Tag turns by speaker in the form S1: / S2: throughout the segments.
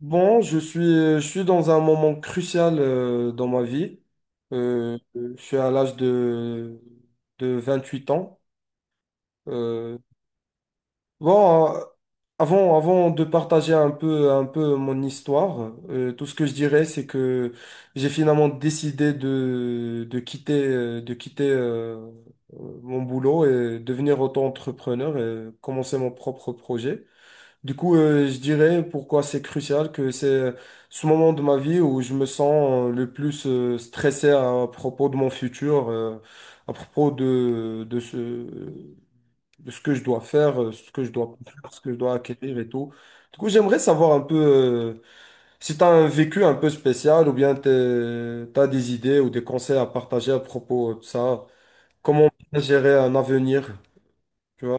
S1: Bon, je suis dans un moment crucial, dans ma vie. Je suis à l'âge de 28 ans. Euh, bon, avant de partager un peu mon histoire, tout ce que je dirais, c'est que j'ai finalement décidé de quitter mon boulot et devenir auto-entrepreneur et commencer mon propre projet. Du coup, je dirais pourquoi c'est crucial, que c'est ce moment de ma vie où je me sens, le plus stressé à propos de mon futur, à propos de ce, de ce que je dois faire, ce que je dois acquérir et tout. Du coup, j'aimerais savoir un peu, si tu as un vécu un peu spécial ou bien tu as des idées ou des conseils à partager à propos de ça. Comment bien gérer un avenir, tu vois?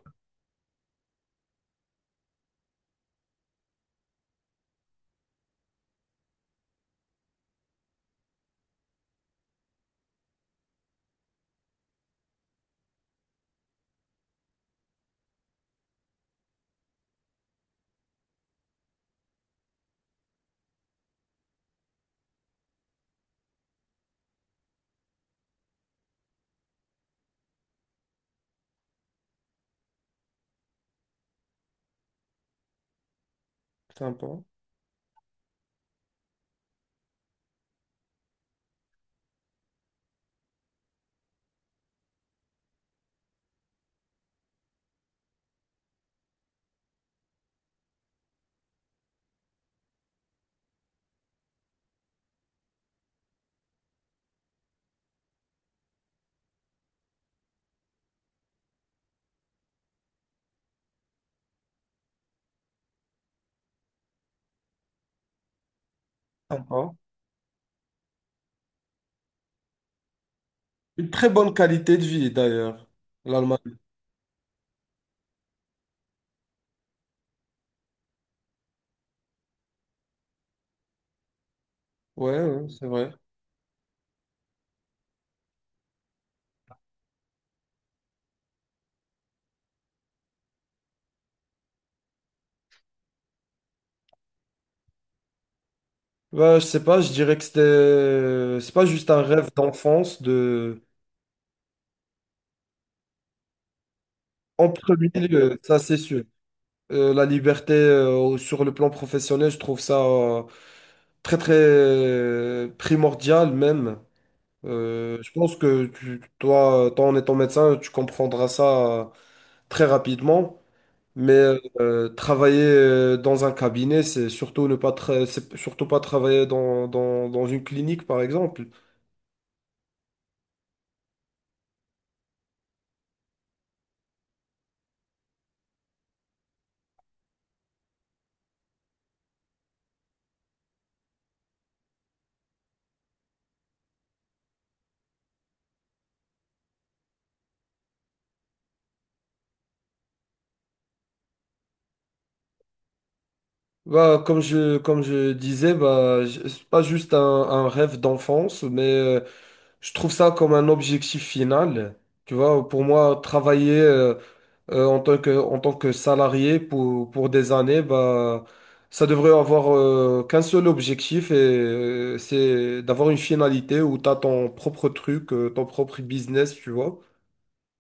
S1: Sympa, sympa. Une très bonne qualité de vie, d'ailleurs, l'Allemagne. Ouais, ouais, c'est vrai. Bah, je sais pas, je dirais que c'était, c'est pas juste un rêve d'enfance, de. En premier lieu, ça c'est sûr. La liberté, sur le plan professionnel, je trouve ça, très très, primordial même. Je pense que toi, en étant médecin, tu comprendras ça, très rapidement. Mais travailler, dans un cabinet, c'est surtout ne pas tra- c'est surtout pas travailler dans une clinique, par exemple. Bah, comme je disais, bah, c'est pas juste un rêve d'enfance, mais je trouve ça comme un objectif final. Tu vois, pour moi, travailler, en tant que salarié pour des années, bah, ça devrait avoir, qu'un seul objectif, et c'est d'avoir une finalité où tu as ton propre truc, ton propre business, tu vois.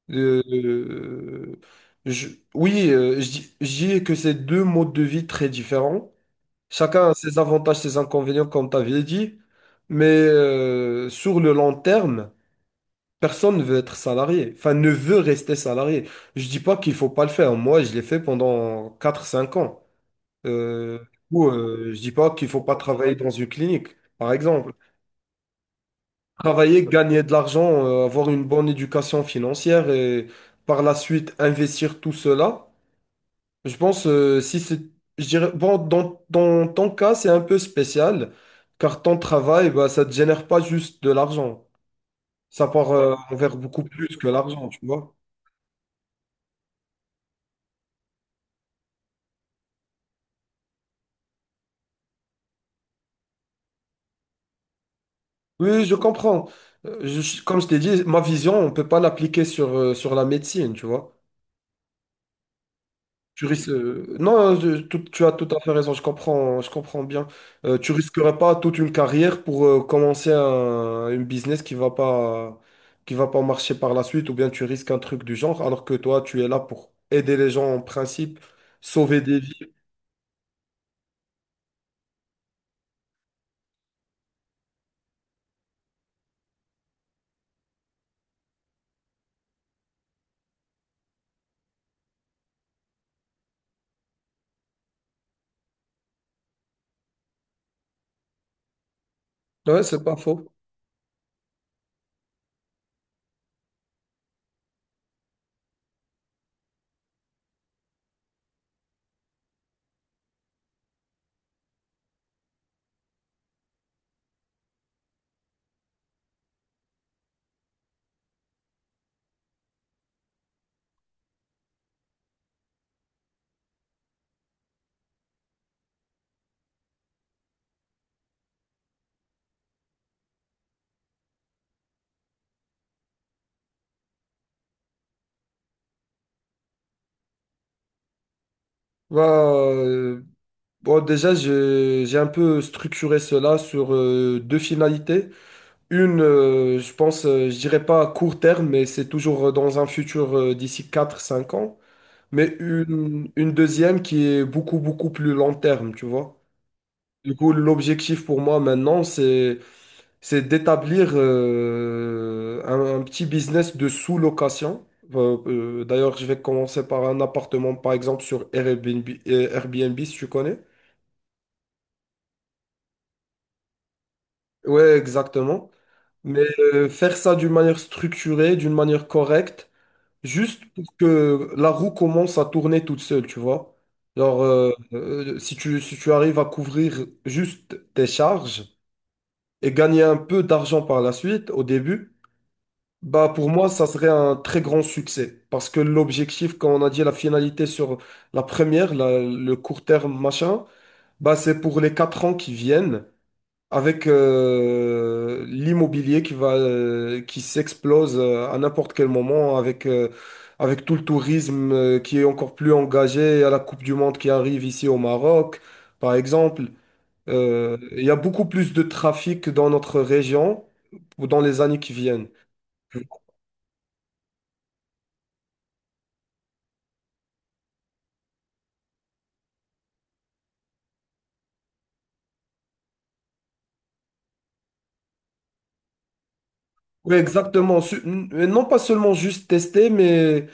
S1: Euh, euh, oui, je dis que c'est deux modes de vie très différents. Chacun a ses avantages, ses inconvénients, comme tu avais dit. Mais sur le long terme, personne ne veut être salarié, enfin ne veut rester salarié. Je dis pas qu'il faut pas le faire. Moi, je l'ai fait pendant quatre cinq ans. Du coup, je dis pas qu'il faut pas travailler dans une clinique, par exemple. Travailler, gagner de l'argent, avoir une bonne éducation financière et par la suite investir tout cela. Je pense, si c'est, je dirais, bon, dans ton cas, c'est un peu spécial, car ton travail, bah, ça te génère pas juste de l'argent. Ça part, envers beaucoup plus que l'argent, tu vois. Oui, je comprends. Comme je t'ai dit, ma vision, on ne peut pas l'appliquer sur, sur la médecine, tu vois. Non, tu as tout à fait raison, je comprends bien. Tu risquerais pas toute une carrière pour, commencer un, une business qui va pas marcher par la suite, ou bien tu risques un truc du genre, alors que toi, tu es là pour aider les gens en principe, sauver des vies. Ouais, c'est pas faux. Bah, euh, bon, déjà, j'ai un peu structuré cela sur, deux finalités. Une, je pense, je dirais pas à court terme, mais c'est toujours, dans un futur, d'ici quatre cinq ans. Mais une deuxième qui est beaucoup, beaucoup plus long terme, tu vois. Du coup, l'objectif pour moi maintenant, c'est d'établir, un petit business de sous-location. D'ailleurs, je vais commencer par un appartement, par exemple, sur Airbnb, si tu connais. Ouais, exactement. Mais faire ça d'une manière structurée, d'une manière correcte, juste pour que la roue commence à tourner toute seule, tu vois. Genre, si tu arrives à couvrir juste tes charges et gagner un peu d'argent par la suite, au début, bah pour moi, ça serait un très grand succès. Parce que l'objectif, quand on a dit la finalité sur la première, le court terme, machin, bah c'est pour les 4 ans qui viennent avec, l'immobilier qui va, qui s'explose, à n'importe quel moment, avec tout le tourisme, qui est encore plus engagé à la Coupe du Monde qui arrive ici au Maroc, par exemple. Il y a beaucoup plus de trafic dans notre région, ou dans les années qui viennent. Oui, exactement. Non, pas seulement juste tester, mais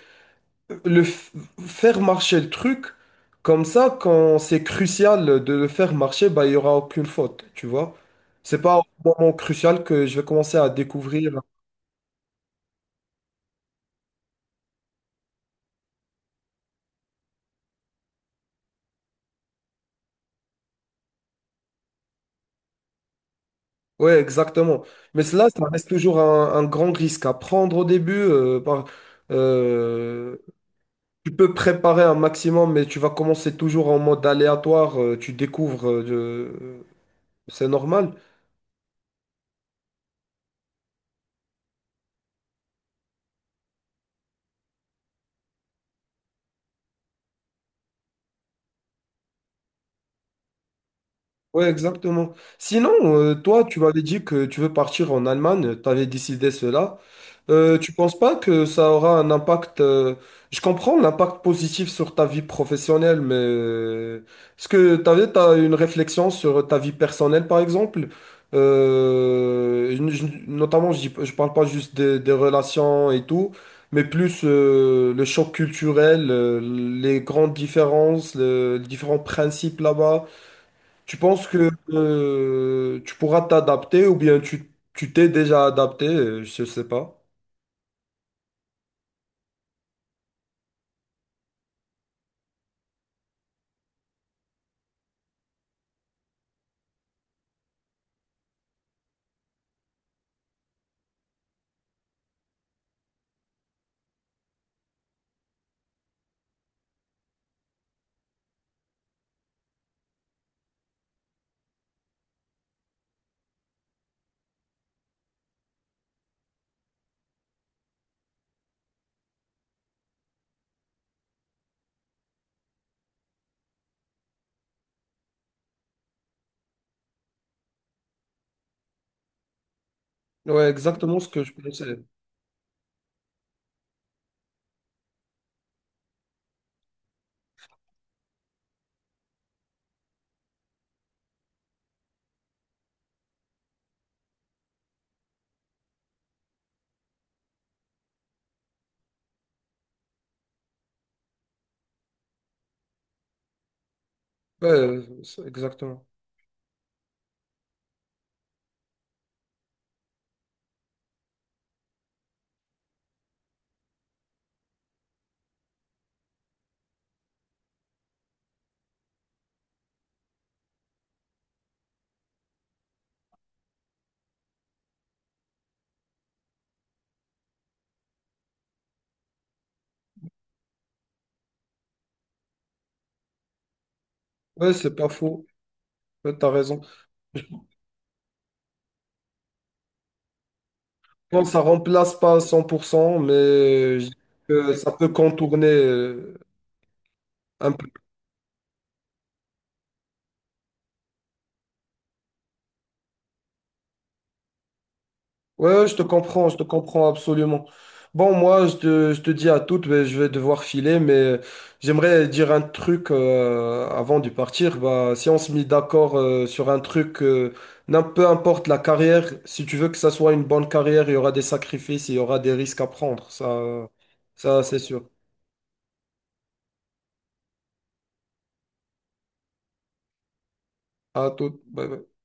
S1: le f- faire marcher le truc, comme ça, quand c'est crucial de le faire marcher, bah, il n'y aura aucune faute, tu vois. C'est pas au moment crucial que je vais commencer à découvrir. Ouais, exactement. Mais cela, ça reste toujours un grand risque à prendre au début. Euh, Tu peux préparer un maximum, mais tu vas commencer toujours en mode aléatoire. Tu découvres. C'est normal. Ouais, exactement. Sinon, toi, tu m'avais dit que tu veux partir en Allemagne. Tu avais décidé cela. Tu penses pas que ça aura un impact. Je comprends l'impact positif sur ta vie professionnelle, mais est-ce que t'as une réflexion sur ta vie personnelle, par exemple? Notamment, je parle pas juste des relations et tout, mais plus, le choc culturel, les grandes différences, les différents principes là-bas. Tu penses que, tu pourras t'adapter ou bien tu t'es déjà adapté? Je sais pas. Ouais, exactement ce que je pensais. Ouais, exactement. Ouais, c'est pas faux. Ouais, t'as raison. Bon, ça remplace pas à 100%, mais je dis que ça peut contourner, un. Ouais, ouais, je te comprends absolument. Bon, moi, je te dis à toutes, mais je vais devoir filer, mais j'aimerais dire un truc, avant de partir. Bah, si on se met d'accord, sur un truc, peu importe la carrière, si tu veux que ça soit une bonne carrière, il y aura des sacrifices, il y aura des risques à prendre. Ça c'est sûr. À toutes. Bye bye.